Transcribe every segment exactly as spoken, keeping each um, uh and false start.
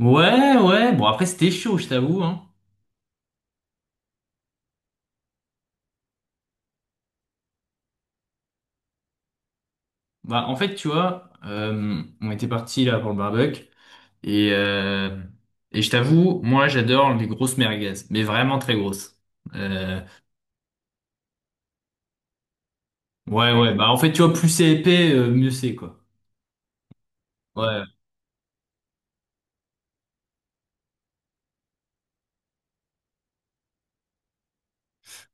Ouais, ouais. Bon, après, c'était chaud, je t'avoue, hein. Bah, en fait, tu vois, euh, on était parti là pour le barbecue. Et, euh, et je t'avoue, moi, j'adore les grosses merguez. Mais vraiment très grosses. Euh, ouais, ouais. Bah, en fait, tu vois, plus c'est épais, euh, mieux c'est, quoi. Ouais.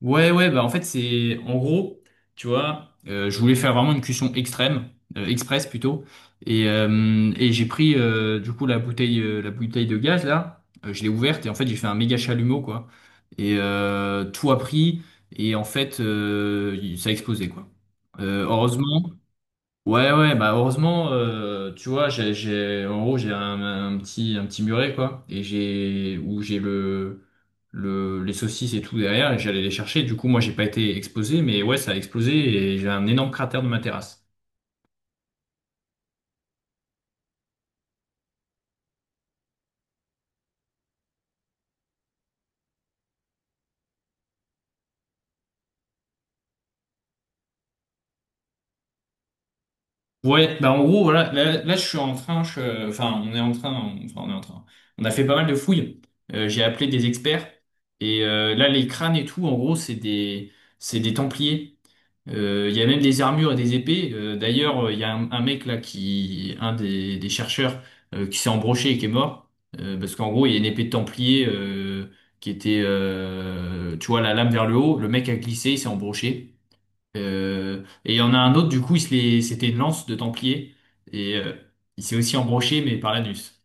Ouais, ouais, bah en fait, c'est en gros, tu vois, euh, je voulais faire vraiment une cuisson extrême, euh, express plutôt, et, euh, et j'ai pris euh, du coup la bouteille, euh, la bouteille de gaz là. Euh, je l'ai ouverte et en fait, j'ai fait un méga chalumeau quoi, et euh, tout a pris, et en fait, euh, ça a explosé quoi. Euh, heureusement, ouais, ouais, bah heureusement, euh, tu vois, j'ai, j'ai, en gros, j'ai un, un petit, un petit muret, quoi, et j'ai, où j'ai le, le, les saucisses et tout derrière, et j'allais les chercher. Du coup, moi, j'ai pas été explosé, mais ouais, ça a explosé et j'ai un énorme cratère de ma terrasse. Ouais, bah en gros, voilà, là, là, je suis en train, je, euh, enfin, on est en train, on- enfin, on est en train. On a fait pas mal de fouilles. Euh, j'ai appelé des experts, et euh, là, les crânes et tout, en gros, c'est des, c'est des templiers. Euh, Il y a même des armures et des épées. Euh, d'ailleurs, euh, il y a un, un mec là qui, un des, des chercheurs, euh, qui s'est embroché et qui est mort. Euh, parce qu'en gros, il y a une épée de Templier euh, qui était, euh, tu vois, la lame vers le haut. Le mec a glissé, il s'est embroché. Euh, et il y en a un autre, du coup, il se l'est- c'était une lance de Templier. Et euh, il s'est aussi embroché, mais par l'anus.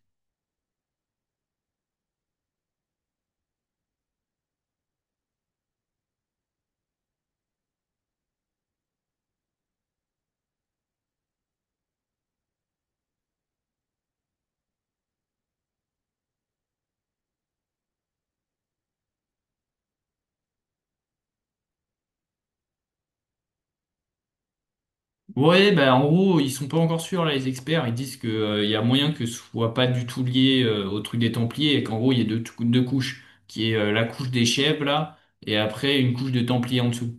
Ouais, bah, en gros, ils sont pas encore sûrs, là, les experts. Ils disent que, euh, y a moyen que ce soit pas du tout lié, euh, au truc des Templiers et qu'en gros, il y a deux, tou- deux couches, qui est, euh, la couche des chèvres, là, et après, une couche de Templiers en dessous.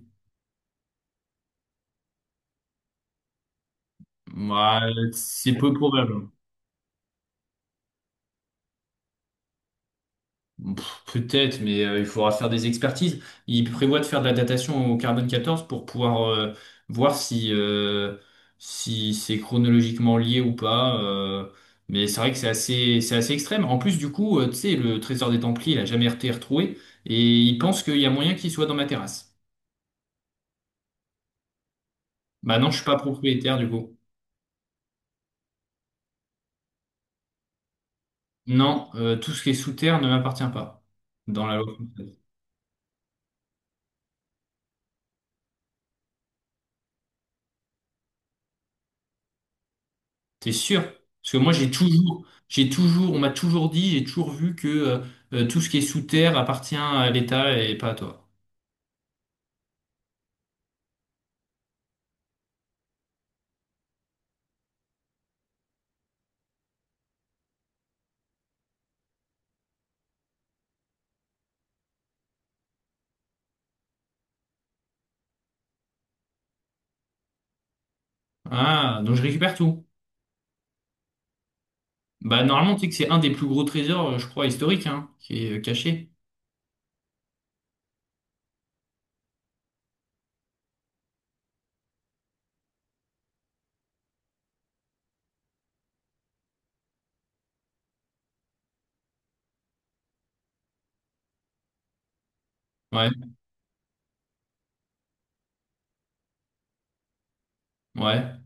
Ouais, c'est peu probable, hein. Pff, Peut-être, mais euh, il faudra faire des expertises. Il prévoit de faire de la datation au carbone quatorze pour pouvoir euh, voir si, euh, si c'est chronologiquement lié ou pas. euh, mais c'est vrai que c'est assez, c'est assez extrême. En plus, du coup, euh, tu sais, le trésor des Templiers, il a jamais été retrouvé et il pense qu'il y a moyen qu'il soit dans ma terrasse. Bah non, je suis pas propriétaire du coup. Non, euh, tout ce qui est sous terre ne m'appartient pas dans la loi. T'es sûr? Parce que moi, j'ai toujours, j'ai toujours, on m'a toujours dit, j'ai toujours vu que euh, euh, tout ce qui est sous terre appartient à l'État et pas à toi. Ah, donc je récupère tout. Bah, normalement, tu sais que c'est un des plus gros trésors, euh, je crois, historiques, hein, qui est euh, caché. Ouais, ouais.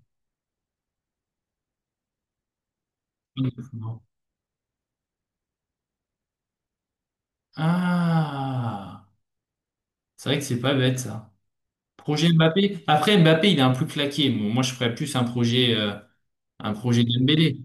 Ah, c'est vrai que c'est pas bête, ça. Projet Mbappé. Après, Mbappé, il est un peu claqué. Bon, moi, je ferais plus un projet, euh, un projet Dembélé.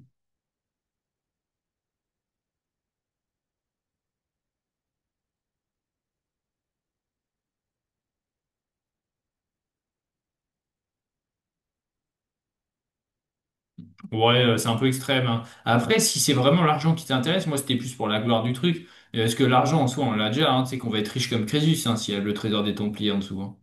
Ouais, euh, c'est un peu extrême, hein. Après, si c'est vraiment l'argent qui t'intéresse, moi c'était plus pour la gloire du truc. Euh, Parce que l'argent en soi, on l'a déjà, hein, tu sais qu'on va être riche comme Crésus, hein, s'il y a le trésor des Templiers en dessous, hein.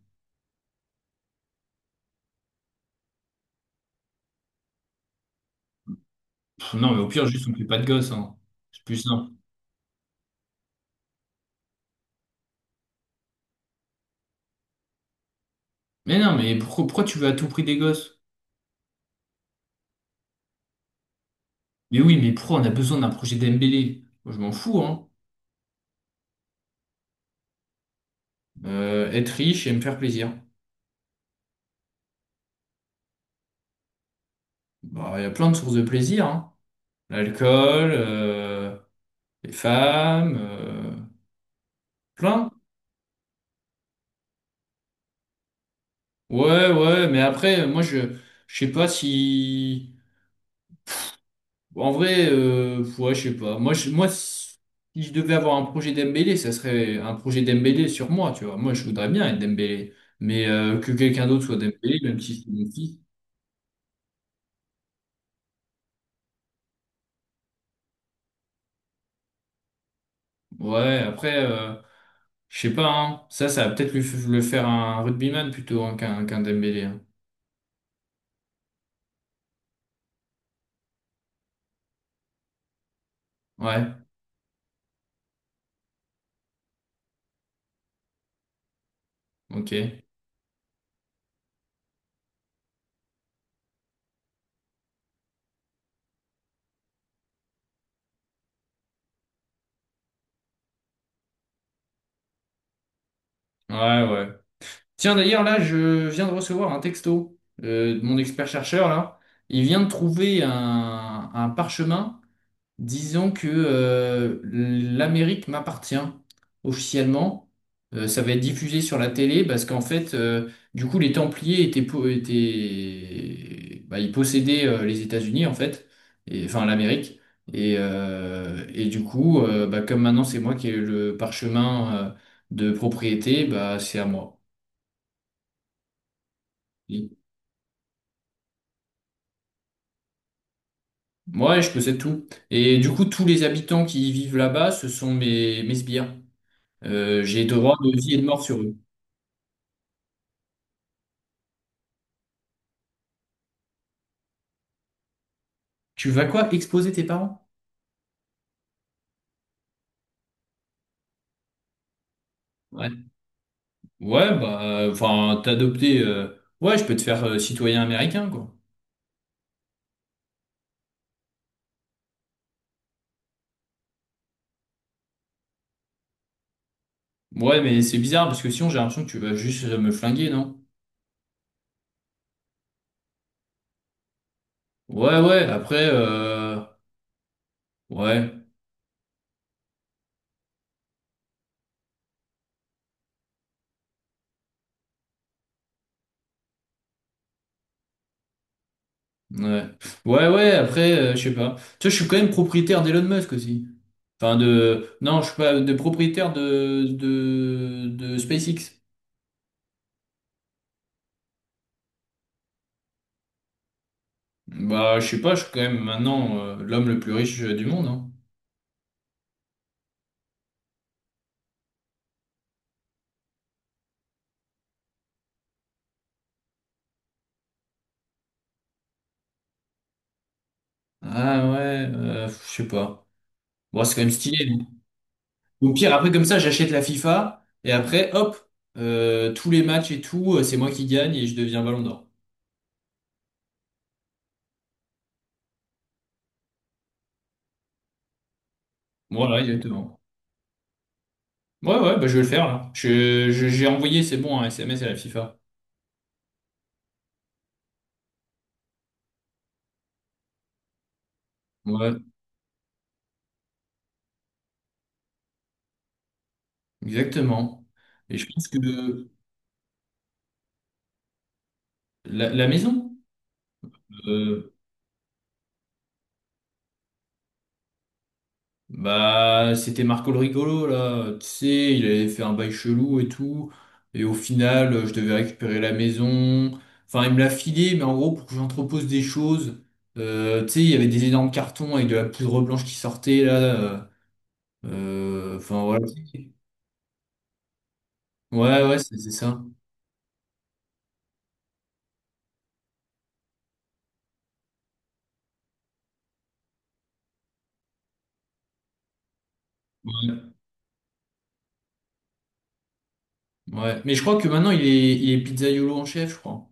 Pff, non, mais au pire, juste on fait pas de gosses, hein. C'est plus simple. Mais non, mais pourquoi, pourquoi tu veux à tout prix des gosses? Mais oui, mais pourquoi on a besoin d'un projet Dembélé? Moi, je m'en fous, hein. Euh, être riche et me faire plaisir. Bah, il y a plein de sources de plaisir, hein. L'alcool, euh, les femmes, euh, plein. Ouais, ouais, mais après, moi, je, je sais pas si, en vrai, euh, ouais, je sais pas. Moi, je, moi, si si je devais avoir un projet Dembélé, ça serait un projet Dembélé sur moi, tu vois. Moi, je voudrais bien être Dembélé, mais euh, que quelqu'un d'autre soit Dembélé, même si c'est mon fils. Ouais, après, euh, je sais pas, hein. Ça, ça va peut-être lui f- le faire un rugbyman plutôt, hein, qu'un qu'un Dembélé, hein. Ouais, ok. Ouais, ouais. Tiens, d'ailleurs, là, je viens de recevoir un texto euh, de mon expert-chercheur, là. Il vient de trouver un, un parchemin disant que euh, l'Amérique m'appartient officiellement. Euh, ça va être diffusé sur la télé parce qu'en fait, euh, du coup, les Templiers étaient, po- étaient- bah, ils possédaient euh, les États-Unis, en fait, et, enfin l'Amérique. Et, euh, et du coup, euh, bah, comme maintenant, c'est moi qui ai le parchemin euh, de propriété, bah, c'est à moi. Ouais, je possède tout. Et du coup, tous les habitants qui y vivent là-bas, ce sont mes, mes sbires. Euh, j'ai droit de vie et de mort sur eux. Tu vas quoi? Exposer tes parents? Ouais. Ouais, bah, enfin, t'adopter. euh, Ouais, je peux te faire euh, citoyen américain, quoi. Ouais, mais c'est bizarre parce que sinon, j'ai l'impression que tu vas juste euh, me flinguer, non? Ouais, ouais, après, euh... ouais, ouais. Ouais, ouais, après, euh, je sais pas. Tu vois, je suis quand même propriétaire d'Elon Musk aussi. Enfin, de. Non, je suis pas de propriétaire de, de, de SpaceX. Bah, je sais pas, je suis quand même maintenant euh, l'homme le plus riche euh, du monde, hein. Ah ouais, euh, je sais pas. Bon, c'est quand même stylé. non Au pire, après, comme ça, j'achète la FIFA et après, hop, euh, tous les matchs et tout, euh, c'est moi qui gagne et je deviens Ballon d'Or. Voilà, exactement. Ouais, ouais, bah, je vais le faire là. Je, je- j'ai envoyé, c'est bon, un S M S à la FIFA. Ouais, exactement. Et je pense que la, la maison. euh, Bah, c'était Marco le rigolo, là. Tu sais, il avait fait un bail chelou et tout. Et au final, euh, je devais récupérer la maison. Enfin, il me l'a filé, mais en gros, pour que j'entrepose des choses. Euh, tu sais, il y avait des énormes cartons avec de la poudre blanche qui sortait, là. euh, euh, Enfin, voilà. Ouais, ouais, c'est c'est ça. Ouais. Ouais. Mais je crois que maintenant, il est, il est pizzaïolo en chef, je crois.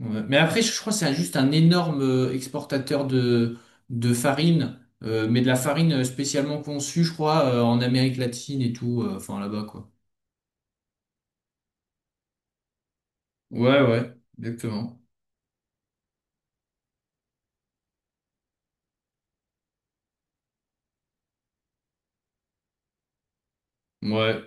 Ouais. Mais après, je crois que c'est juste un énorme euh, exportateur de, de, farine, euh, mais de la farine spécialement conçue, je crois, euh, en Amérique latine et tout, euh, enfin là-bas, quoi. Ouais, ouais, exactement. Ouais.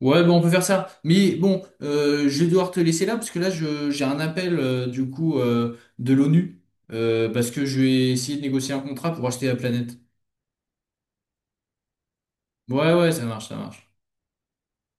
Ouais, bon, on peut faire ça. Mais bon, euh, je vais devoir te laisser là, parce que là, je, j'ai un appel, euh, du coup, euh, de l'ONU, euh, parce que je vais essayer de négocier un contrat pour acheter la planète. Ouais, ouais, ça marche, ça marche.